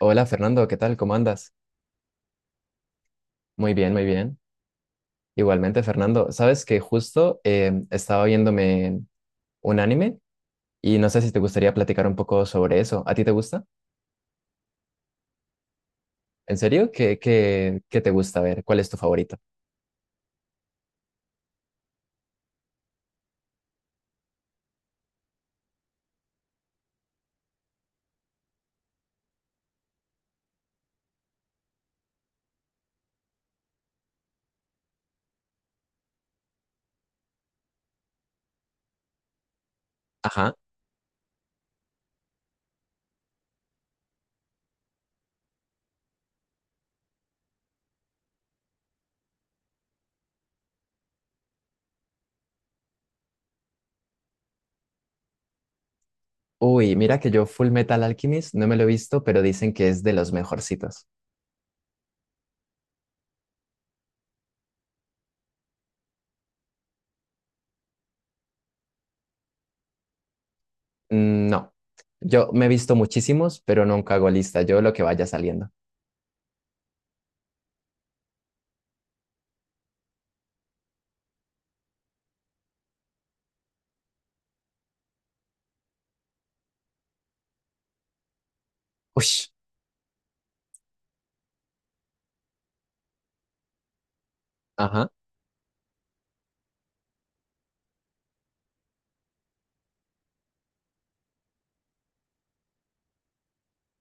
Hola Fernando, ¿qué tal? ¿Cómo andas? Muy bien, muy bien. Igualmente, Fernando, sabes que justo estaba viéndome un anime y no sé si te gustaría platicar un poco sobre eso. ¿A ti te gusta? ¿En serio? ¿Qué te gusta? A ver, ¿cuál es tu favorito? Ajá. Uy, mira que yo Full Metal Alchemist no me lo he visto, pero dicen que es de los mejorcitos. Mm, no, yo me he visto muchísimos, pero nunca hago lista. Yo lo que vaya saliendo. Ush. Ajá.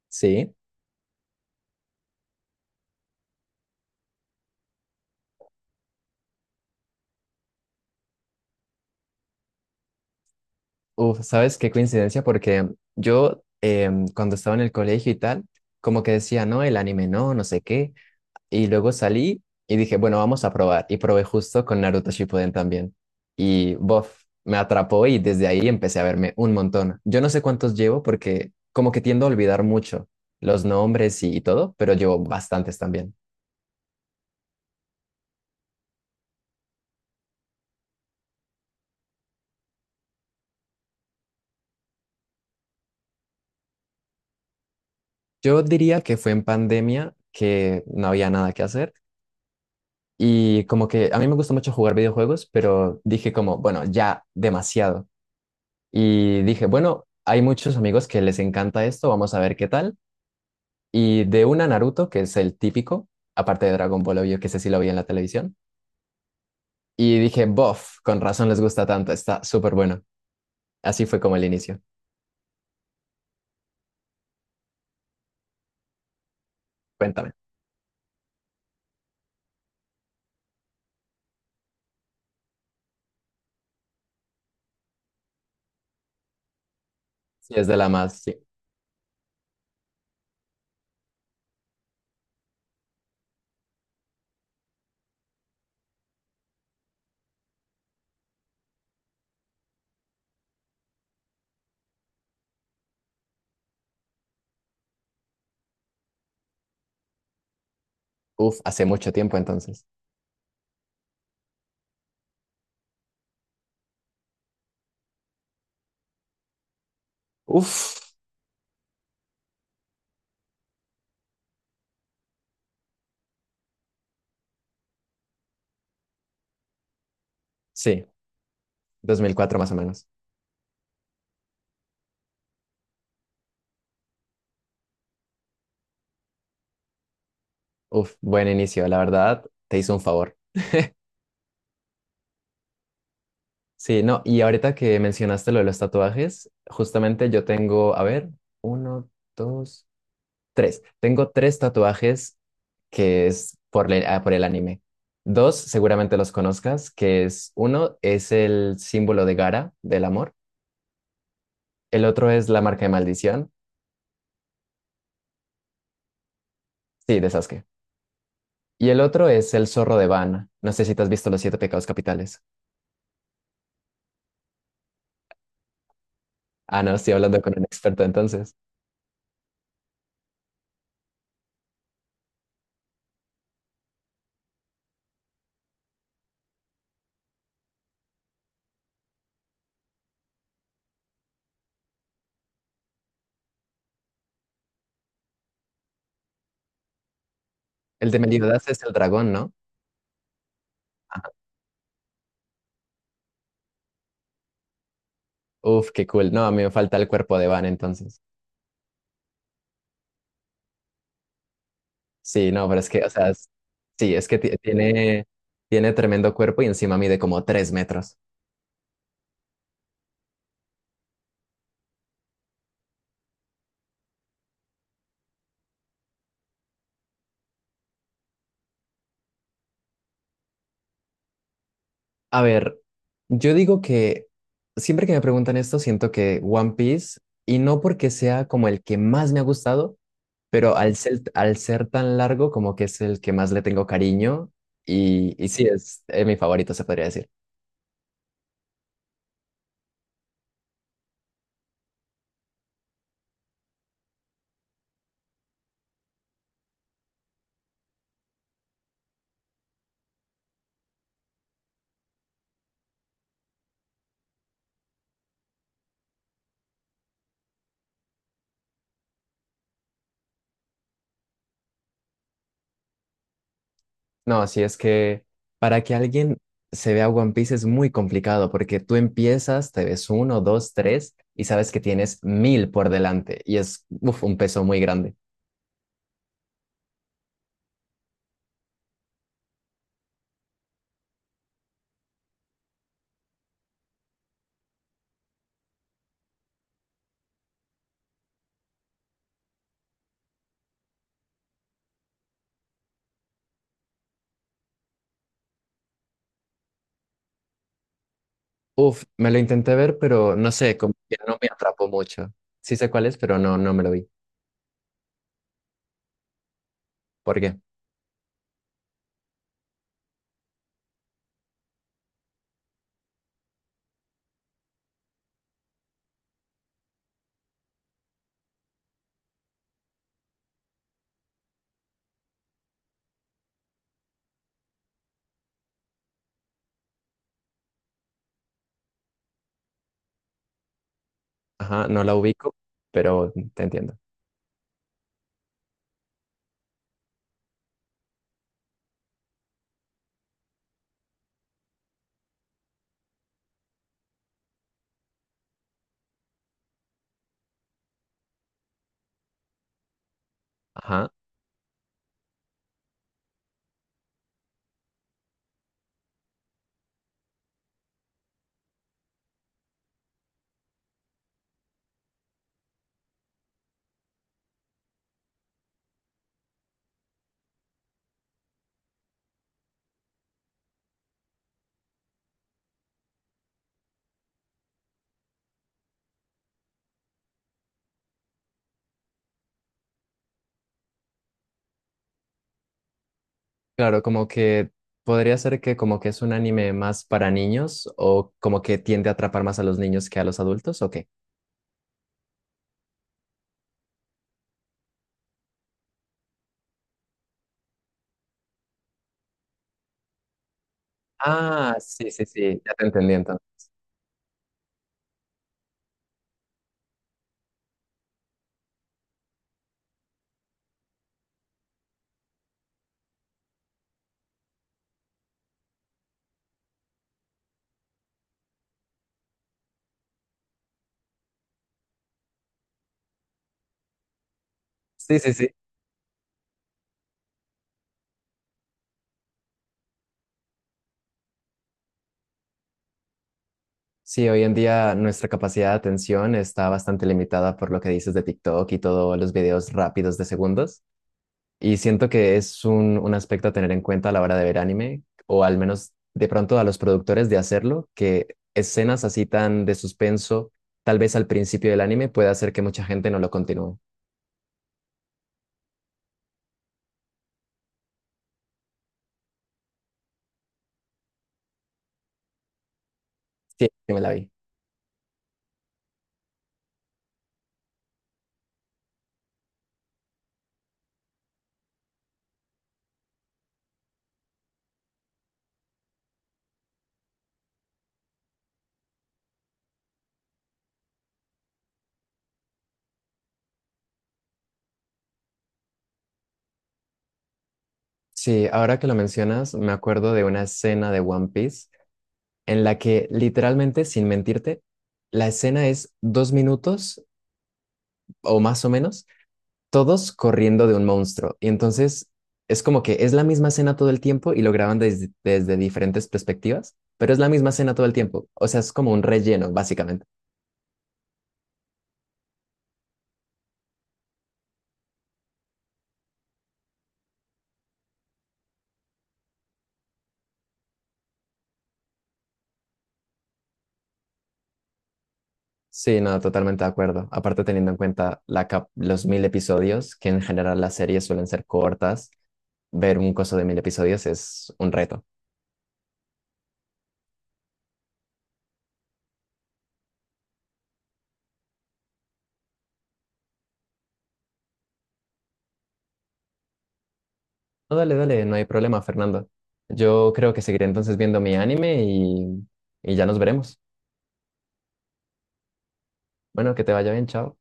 Sí. Uf, ¿sabes qué coincidencia? Porque yo cuando estaba en el colegio y tal, como que decía, no, el anime no, no sé qué. Y luego salí y dije, bueno, vamos a probar. Y probé justo con Naruto Shippuden también. Y bof, me atrapó y desde ahí empecé a verme un montón. Yo no sé cuántos llevo porque como que tiendo a olvidar mucho los nombres y todo, pero llevo bastantes también. Yo diría que fue en pandemia que no había nada que hacer. Y como que a mí me gusta mucho jugar videojuegos, pero dije como, bueno, ya demasiado. Y dije, bueno, hay muchos amigos que les encanta esto, vamos a ver qué tal. Y de una Naruto, que es el típico, aparte de Dragon Ball, obvio, que sé si lo vi en la televisión. Y dije, bof, con razón les gusta tanto, está súper bueno. Así fue como el inicio. Cuéntame. Si es de la más, sí. Uf, hace mucho tiempo entonces. Uf, sí, 2004 más o menos. Uf, buen inicio, la verdad, te hizo un favor. Sí, no, y ahorita que mencionaste lo de los tatuajes, justamente yo tengo, a ver, uno, dos, tres. Tengo tres tatuajes que es por, por el anime. Dos, seguramente los conozcas, que es uno es el símbolo de Gara, del amor. El otro es la marca de maldición, sí, de Sasuke. Y el otro es el zorro de Vana. No sé si te has visto Los Siete Pecados Capitales. Ah, no, estoy hablando con un experto entonces. El de Meliodas es el dragón, ¿no? Uf, qué cool. No, a mí me falta el cuerpo de Vana entonces. Sí, no, pero es que, o sea, sí, es que tiene tremendo cuerpo y encima mide como 3 metros. A ver, yo digo que siempre que me preguntan esto, siento que One Piece, y no porque sea como el que más me ha gustado, pero al ser tan largo, como que es el que más le tengo cariño, y sí, es, mi favorito, se podría decir. No, si es que para que alguien se vea One Piece es muy complicado porque tú empiezas, te ves uno, dos, tres y sabes que tienes 1.000 por delante y es uf, un peso muy grande. Uf, me lo intenté ver, pero no sé, como que no me atrapó mucho. Sí sé cuál es, pero no, no me lo vi. ¿Por qué? Ajá, no la ubico, pero te entiendo. Ajá. Claro, como que podría ser que como que es un anime más para niños o como que tiende a atrapar más a los niños que a los adultos, ¿o qué? Ah, sí, sí, sí, ya te entendí entonces. Sí, sí, sí. Sí, hoy en día nuestra capacidad de atención está bastante limitada por lo que dices de TikTok y todos los videos rápidos de segundos. Y siento que es un aspecto a tener en cuenta a la hora de ver anime, o al menos de pronto a los productores de hacerlo, que escenas así tan de suspenso, tal vez al principio del anime, puede hacer que mucha gente no lo continúe. Sí, yo me la vi. Sí, ahora que lo mencionas, me acuerdo de una escena de One Piece en la que literalmente, sin mentirte, la escena es 2 minutos o más o menos, todos corriendo de un monstruo. Y entonces es como que es la misma escena todo el tiempo y lo graban desde, desde diferentes perspectivas, pero es la misma escena todo el tiempo. O sea, es como un relleno, básicamente. Sí, no, totalmente de acuerdo. Aparte teniendo en cuenta la los 1.000 episodios, que en general las series suelen ser cortas, ver un coso de 1.000 episodios es un reto. No, dale, dale, no hay problema, Fernando. Yo creo que seguiré entonces viendo mi anime y ya nos veremos. Bueno, que te vaya bien, chao.